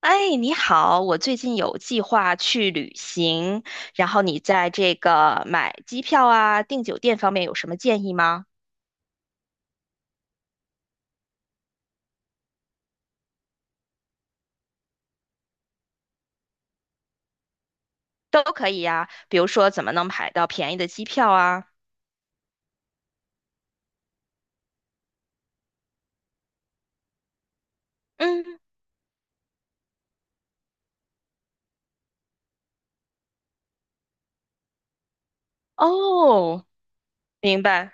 哎，你好，我最近有计划去旅行，然后你在这个买机票啊、订酒店方面有什么建议吗？都可以呀，比如说怎么能买到便宜的机票啊？嗯，哦，明白。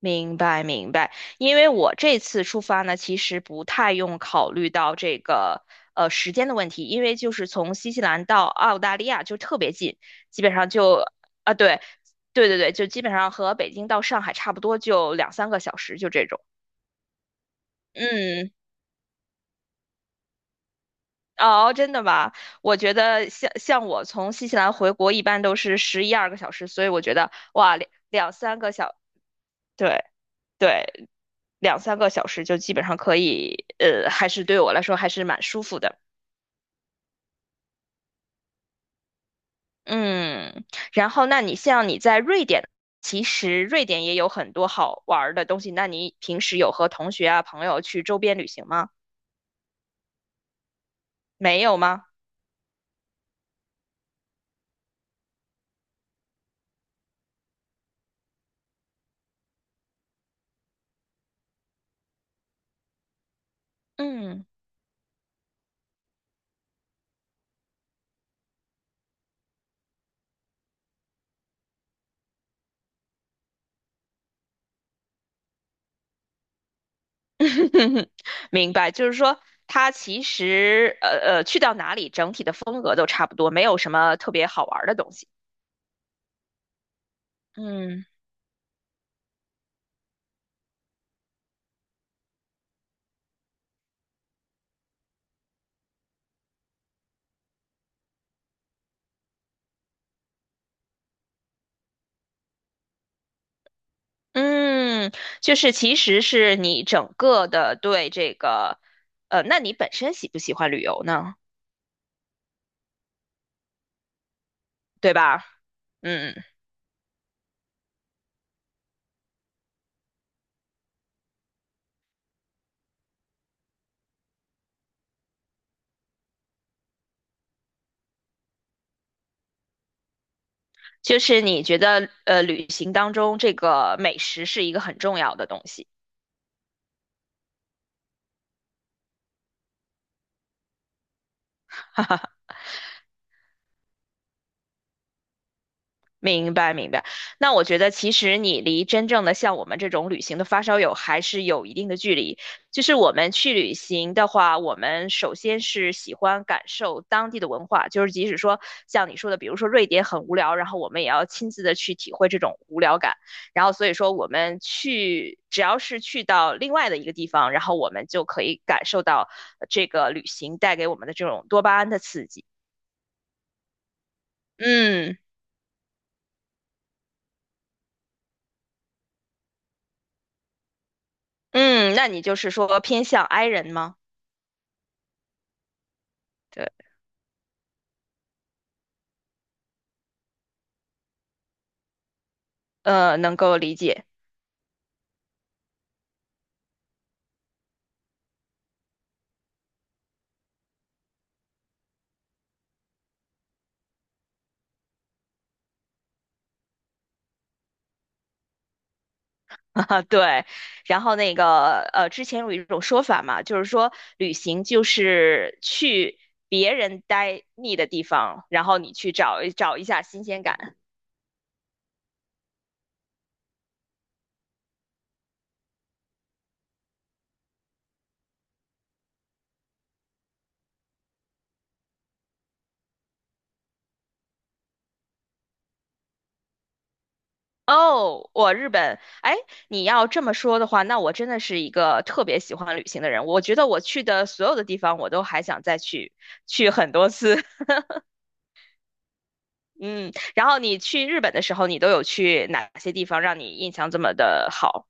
明白明白，因为我这次出发呢，其实不太用考虑到这个时间的问题，因为就是从新西兰到澳大利亚就特别近，基本上就啊对对对对，就基本上和北京到上海差不多，就两三个小时，就这种。嗯，哦，真的吗？我觉得像我从新西兰回国一般都是11、12个小时，所以我觉得哇，两三个小，对对。两三个小时就基本上可以，还是对我来说还是蛮舒服的。嗯，然后那你像你在瑞典，其实瑞典也有很多好玩儿的东西。那你平时有和同学啊、朋友去周边旅行吗？没有吗？嗯，明白，就是说它其实去到哪里整体的风格都差不多，没有什么特别好玩儿的东西。嗯。嗯，就是其实是你整个的对这个，那你本身喜不喜欢旅游呢？对吧？嗯，就是你觉得旅行当中这个美食是一个很重要的东西。明白，明白。那我觉得，其实你离真正的像我们这种旅行的发烧友还是有一定的距离。就是我们去旅行的话，我们首先是喜欢感受当地的文化，就是即使说像你说的，比如说瑞典很无聊，然后我们也要亲自的去体会这种无聊感。然后所以说，我们去只要是去到另外的一个地方，然后我们就可以感受到这个旅行带给我们的这种多巴胺的刺激。嗯嗯，那你就是说偏向 I 人吗？对，能够理解 啊，对。然后那个，之前有一种说法嘛，就是说旅行就是去别人待腻的地方，然后你去找一下新鲜感。哦，我日本，哎，你要这么说的话，那我真的是一个特别喜欢旅行的人。我觉得我去的所有的地方，我都还想再去很多次。嗯，然后你去日本的时候，你都有去哪些地方让你印象这么的好？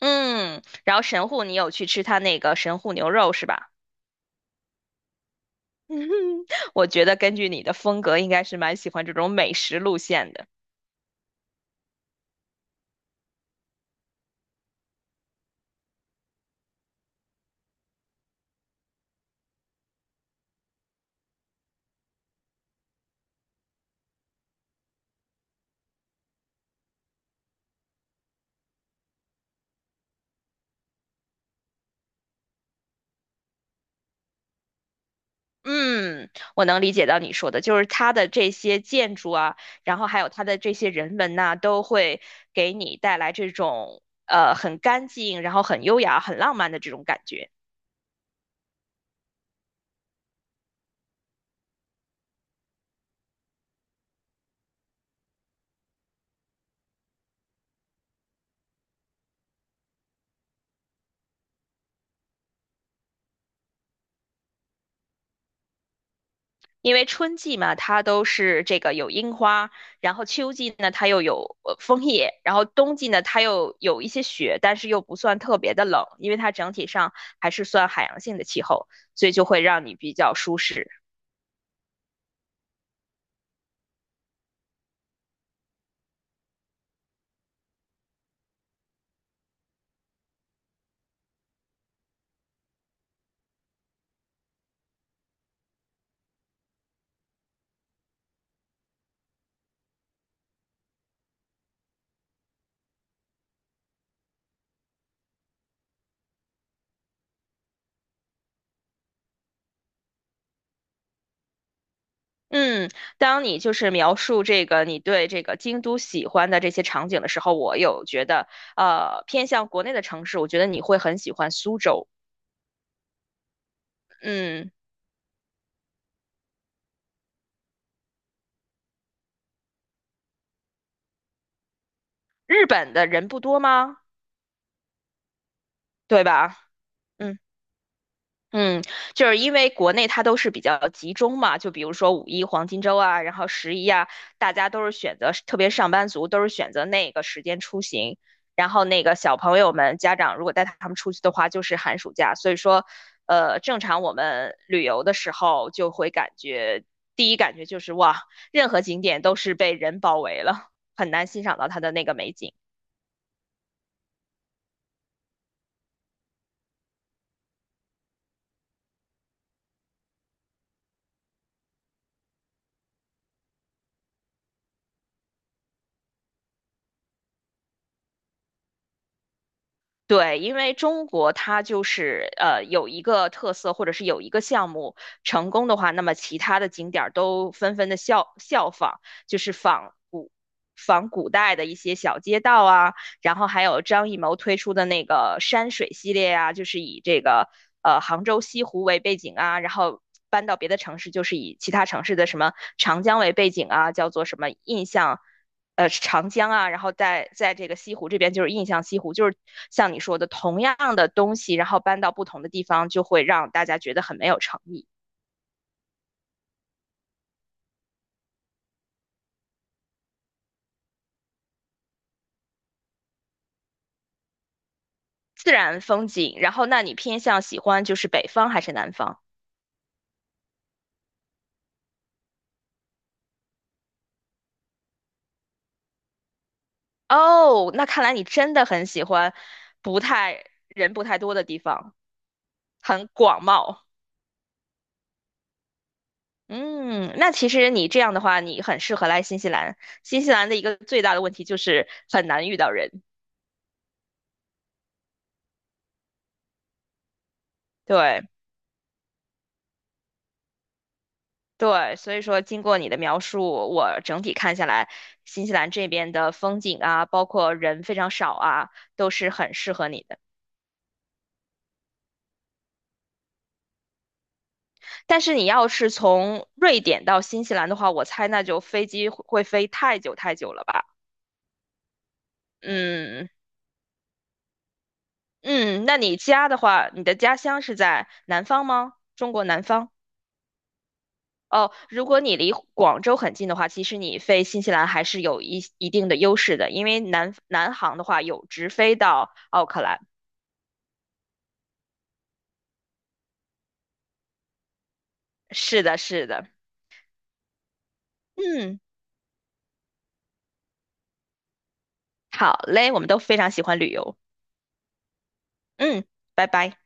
嗯，然后神户你有去吃他那个神户牛肉是吧？我觉得根据你的风格，应该是蛮喜欢这种美食路线的。嗯，我能理解到你说的，就是它的这些建筑啊，然后还有它的这些人文呐、都会给你带来这种很干净，然后很优雅、很浪漫的这种感觉。因为春季嘛，它都是这个有樱花，然后秋季呢，它又有枫叶，然后冬季呢，它又有一些雪，但是又不算特别的冷，因为它整体上还是算海洋性的气候，所以就会让你比较舒适。嗯，当你就是描述这个你对这个京都喜欢的这些场景的时候，我有觉得，偏向国内的城市，我觉得你会很喜欢苏州。嗯，日本的人不多吗？对吧？嗯。嗯，就是因为国内它都是比较集中嘛，就比如说五一黄金周啊，然后十一啊，大家都是选择，特别上班族都是选择那个时间出行。然后那个小朋友们家长如果带他们出去的话，就是寒暑假。所以说，正常我们旅游的时候就会感觉，第一感觉就是哇，任何景点都是被人包围了，很难欣赏到它的那个美景。对，因为中国它就是有一个特色，或者是有一个项目成功的话，那么其他的景点儿都纷纷的效仿，就是仿古代的一些小街道啊，然后还有张艺谋推出的那个山水系列啊，就是以这个杭州西湖为背景啊，然后搬到别的城市，就是以其他城市的什么长江为背景啊，叫做什么印象长江啊，然后在这个西湖这边就是印象西湖，就是像你说的同样的东西，然后搬到不同的地方，就会让大家觉得很没有诚意。自然风景，然后那你偏向喜欢就是北方还是南方？哦，那看来你真的很喜欢不太多的地方，很广袤。嗯，那其实你这样的话，你很适合来新西兰。新西兰的一个最大的问题就是很难遇到人。对对，所以说经过你的描述，我整体看下来，新西兰这边的风景啊，包括人非常少啊，都是很适合你的。但是你要是从瑞典到新西兰的话，我猜那就飞机会飞太久太久了吧？嗯。嗯，那你家的话，你的家乡是在南方吗？中国南方？哦，如果你离广州很近的话，其实你飞新西兰还是有一定的优势的，因为南航的话有直飞到奥克兰。是的，是的。嗯，好嘞，我们都非常喜欢旅游。嗯，拜拜。